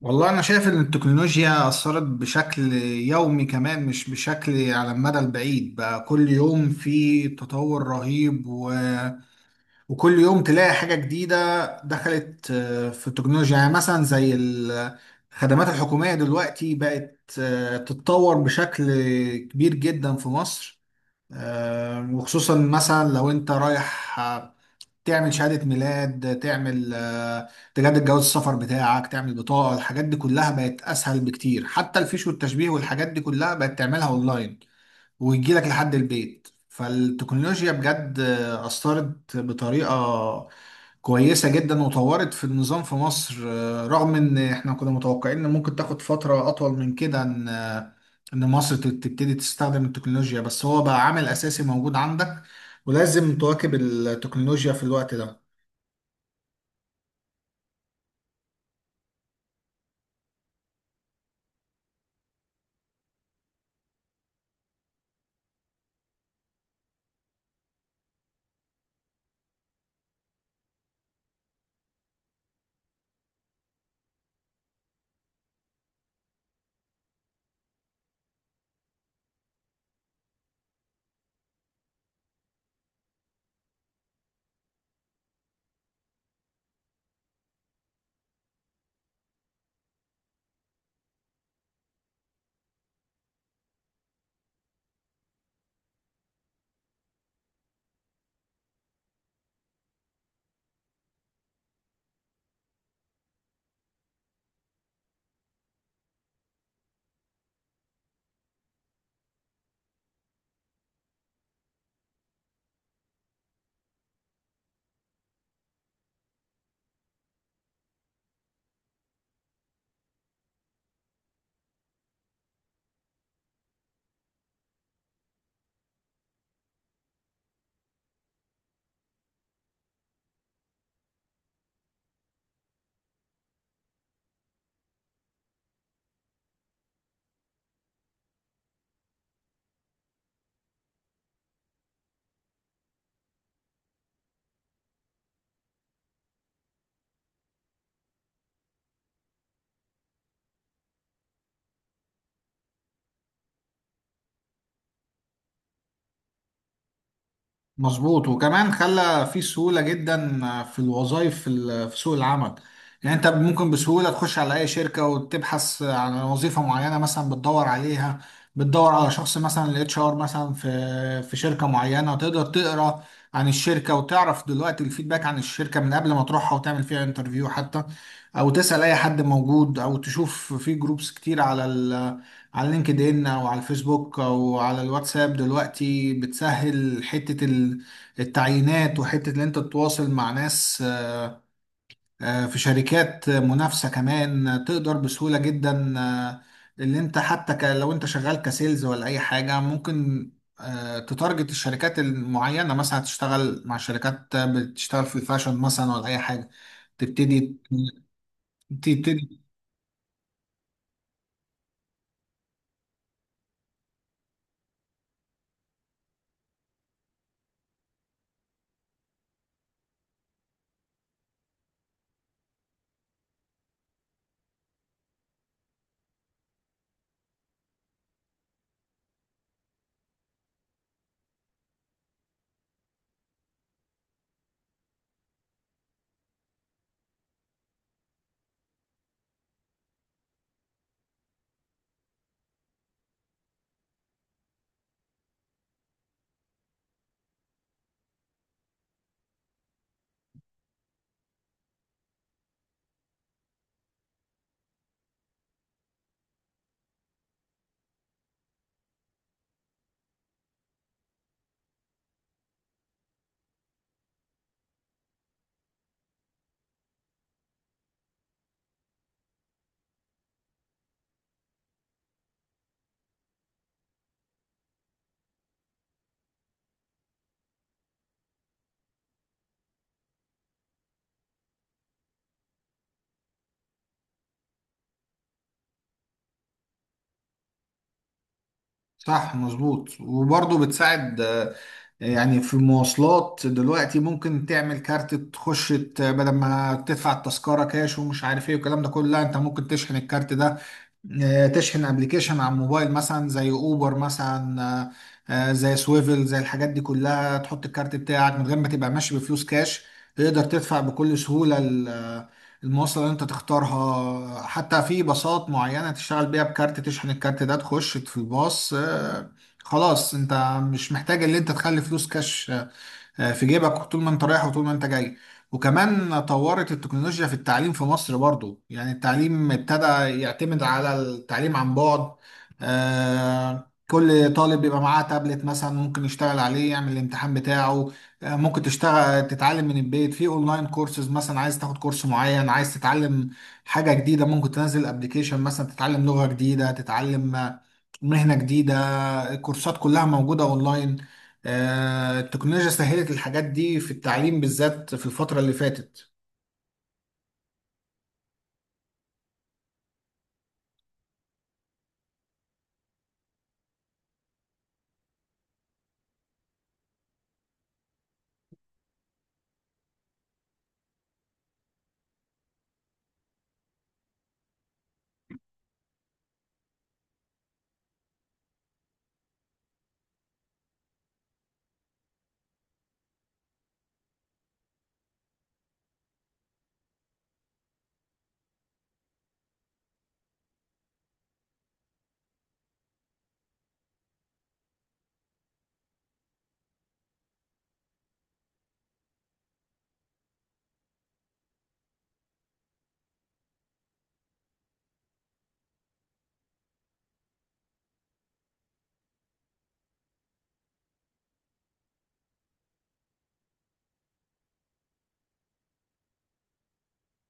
والله أنا شايف إن التكنولوجيا أثرت بشكل يومي كمان مش بشكل على المدى البعيد، بقى كل يوم في تطور رهيب وكل يوم تلاقي حاجة جديدة دخلت في التكنولوجيا. يعني مثلا الخدمات الحكومية دلوقتي بقت تتطور بشكل كبير جدا في مصر، وخصوصا مثلا لو أنت رايح تعمل شهادة ميلاد، تعمل تجدد جواز السفر بتاعك، تعمل بطاقة. الحاجات دي كلها بقت أسهل بكتير، حتى الفيش والتشبيه والحاجات دي كلها بقت تعملها أونلاين، ويجي لك لحد البيت. فالتكنولوجيا بجد أثرت بطريقة كويسة جدا وطورت في النظام في مصر، رغم إن إحنا كنا متوقعين إن ممكن تاخد فترة أطول من كده، إن مصر تبتدي تستخدم التكنولوجيا، بس هو بقى عامل أساسي موجود عندك، ولازم تواكب التكنولوجيا في الوقت ده. مظبوط، وكمان خلى في سهولة جدا في الوظائف في سوق العمل. يعني انت ممكن بسهولة تخش على اي شركة وتبحث عن وظيفة معينة مثلا بتدور عليها، بتدور على شخص مثلا الاتش ار مثلا في شركة معينة. تقدر تقرا عن الشركة وتعرف دلوقتي الفيدباك عن الشركة من قبل ما تروحها وتعمل فيها انترفيو حتى، او تسأل اي حد موجود، او تشوف في جروبس كتير على لينكد ان او على الفيسبوك او على الواتساب. دلوقتي بتسهل التعيينات، وحتة ان انت تتواصل مع ناس في شركات منافسة كمان. تقدر بسهولة جدا اللي انت حتى لو انت شغال كسيلز ولا اي حاجة، ممكن تتارجت الشركات المعينة، مثلا تشتغل مع شركات بتشتغل في الفاشن مثلا ولا اي حاجة. تبتدي تبتدي صح مظبوط، وبرضه بتساعد يعني في المواصلات. دلوقتي ممكن تعمل كارت تخش بدل ما تدفع التذكرة كاش ومش عارف ايه والكلام ده كله، لا انت ممكن تشحن الكارت ده، تشحن ابلكيشن على الموبايل مثلا زي اوبر مثلا، زي سويفل، زي الحاجات دي كلها. تحط الكارت بتاعك من غير ما تبقى ماشي بفلوس كاش، تقدر تدفع بكل سهولة المواصلة اللي انت تختارها. حتى في باصات معينة تشتغل بيها بكارت، تشحن الكارت ده تخش في الباص. خلاص انت مش محتاج ان انت تخلي فلوس كاش في جيبك طول ما انت رايح وطول ما انت جاي. وكمان طورت التكنولوجيا في التعليم في مصر برضو. يعني التعليم ابتدى يعتمد على التعليم عن بعد، كل طالب بيبقى معاه تابلت مثلا، ممكن يشتغل عليه، يعمل الامتحان بتاعه. ممكن تشتغل تتعلم من البيت في اونلاين كورسز، مثلا عايز تاخد كورس معين، عايز تتعلم حاجة جديدة، ممكن تنزل ابلكيشن مثلا تتعلم لغة جديدة، تتعلم مهنة جديدة. الكورسات كلها موجودة اونلاين. التكنولوجيا سهلت الحاجات دي في التعليم بالذات في الفترة اللي فاتت.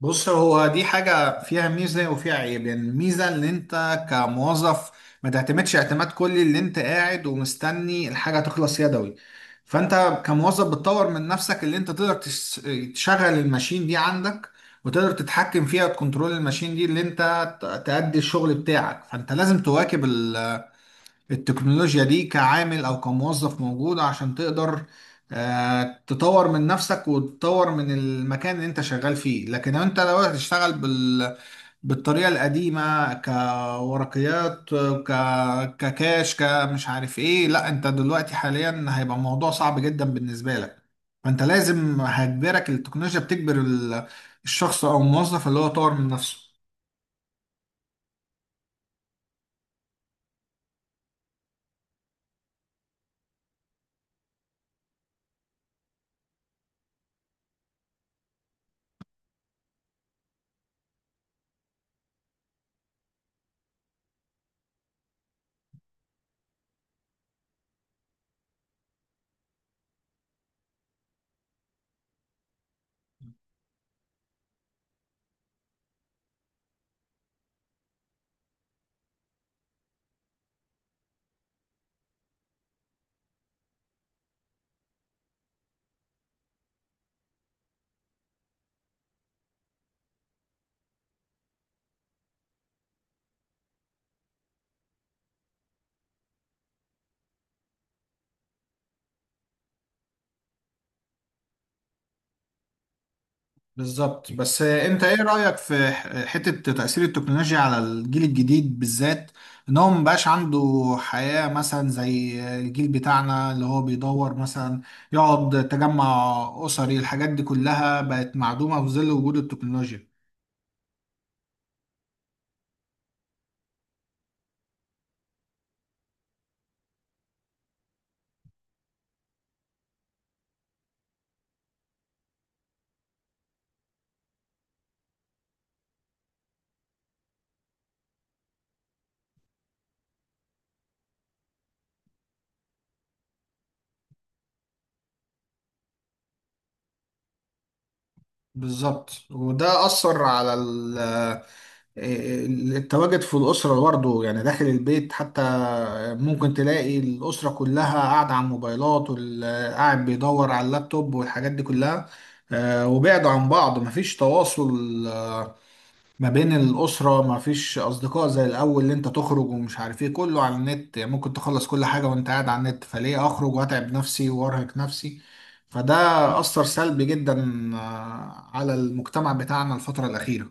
بص، هو دي حاجة فيها ميزة وفيها عيب. يعني الميزة ان انت كموظف ما تعتمدش اعتماد كلي اللي انت قاعد ومستني الحاجة تخلص يدوي، فانت كموظف بتطور من نفسك، اللي انت تقدر تشغل الماشين دي عندك، وتقدر تتحكم فيها وتكنترول الماشين دي اللي انت تأدي الشغل بتاعك. فانت لازم تواكب التكنولوجيا دي كعامل او كموظف موجود، عشان تقدر تطور من نفسك وتطور من المكان اللي انت شغال فيه. لكن لو انت لو هتشتغل بالطريقة القديمة كورقيات، ككاش كمش عارف ايه، لا انت دلوقتي حاليا هيبقى الموضوع صعب جدا بالنسبة لك. فانت لازم، هتجبرك التكنولوجيا، بتجبر الشخص او الموظف اللي هو يطور من نفسه. بالظبط، بس انت ايه رأيك في حتة تأثير التكنولوجيا على الجيل الجديد بالذات؟ ان هو مبقاش عنده حياة مثلا زي الجيل بتاعنا، اللي هو بيدور مثلا يقعد تجمع أسري. الحاجات دي كلها بقت معدومة في ظل وجود التكنولوجيا. بالظبط، وده أثر على التواجد في الأسرة برضه. يعني داخل البيت حتى ممكن تلاقي الأسرة كلها قاعدة على الموبايلات، واللي قاعد بيدور على اللابتوب والحاجات دي كلها. وبعدوا عن بعض، مفيش تواصل آه، ما بين الأسرة. ما فيش أصدقاء زي الأول اللي أنت تخرج ومش عارف إيه، كله على النت. يعني ممكن تخلص كل حاجة وأنت قاعد على النت، فليه أخرج وأتعب نفسي وأرهق نفسي؟ فده أثر سلبي جدا على المجتمع بتاعنا الفترة الأخيرة.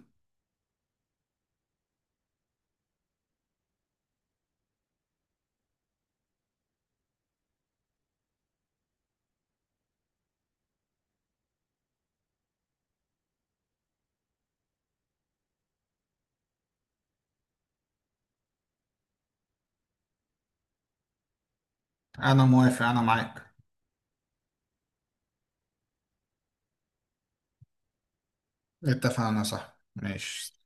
أنا موافق، أنا معاك. اتفقنا، صح، ماشي.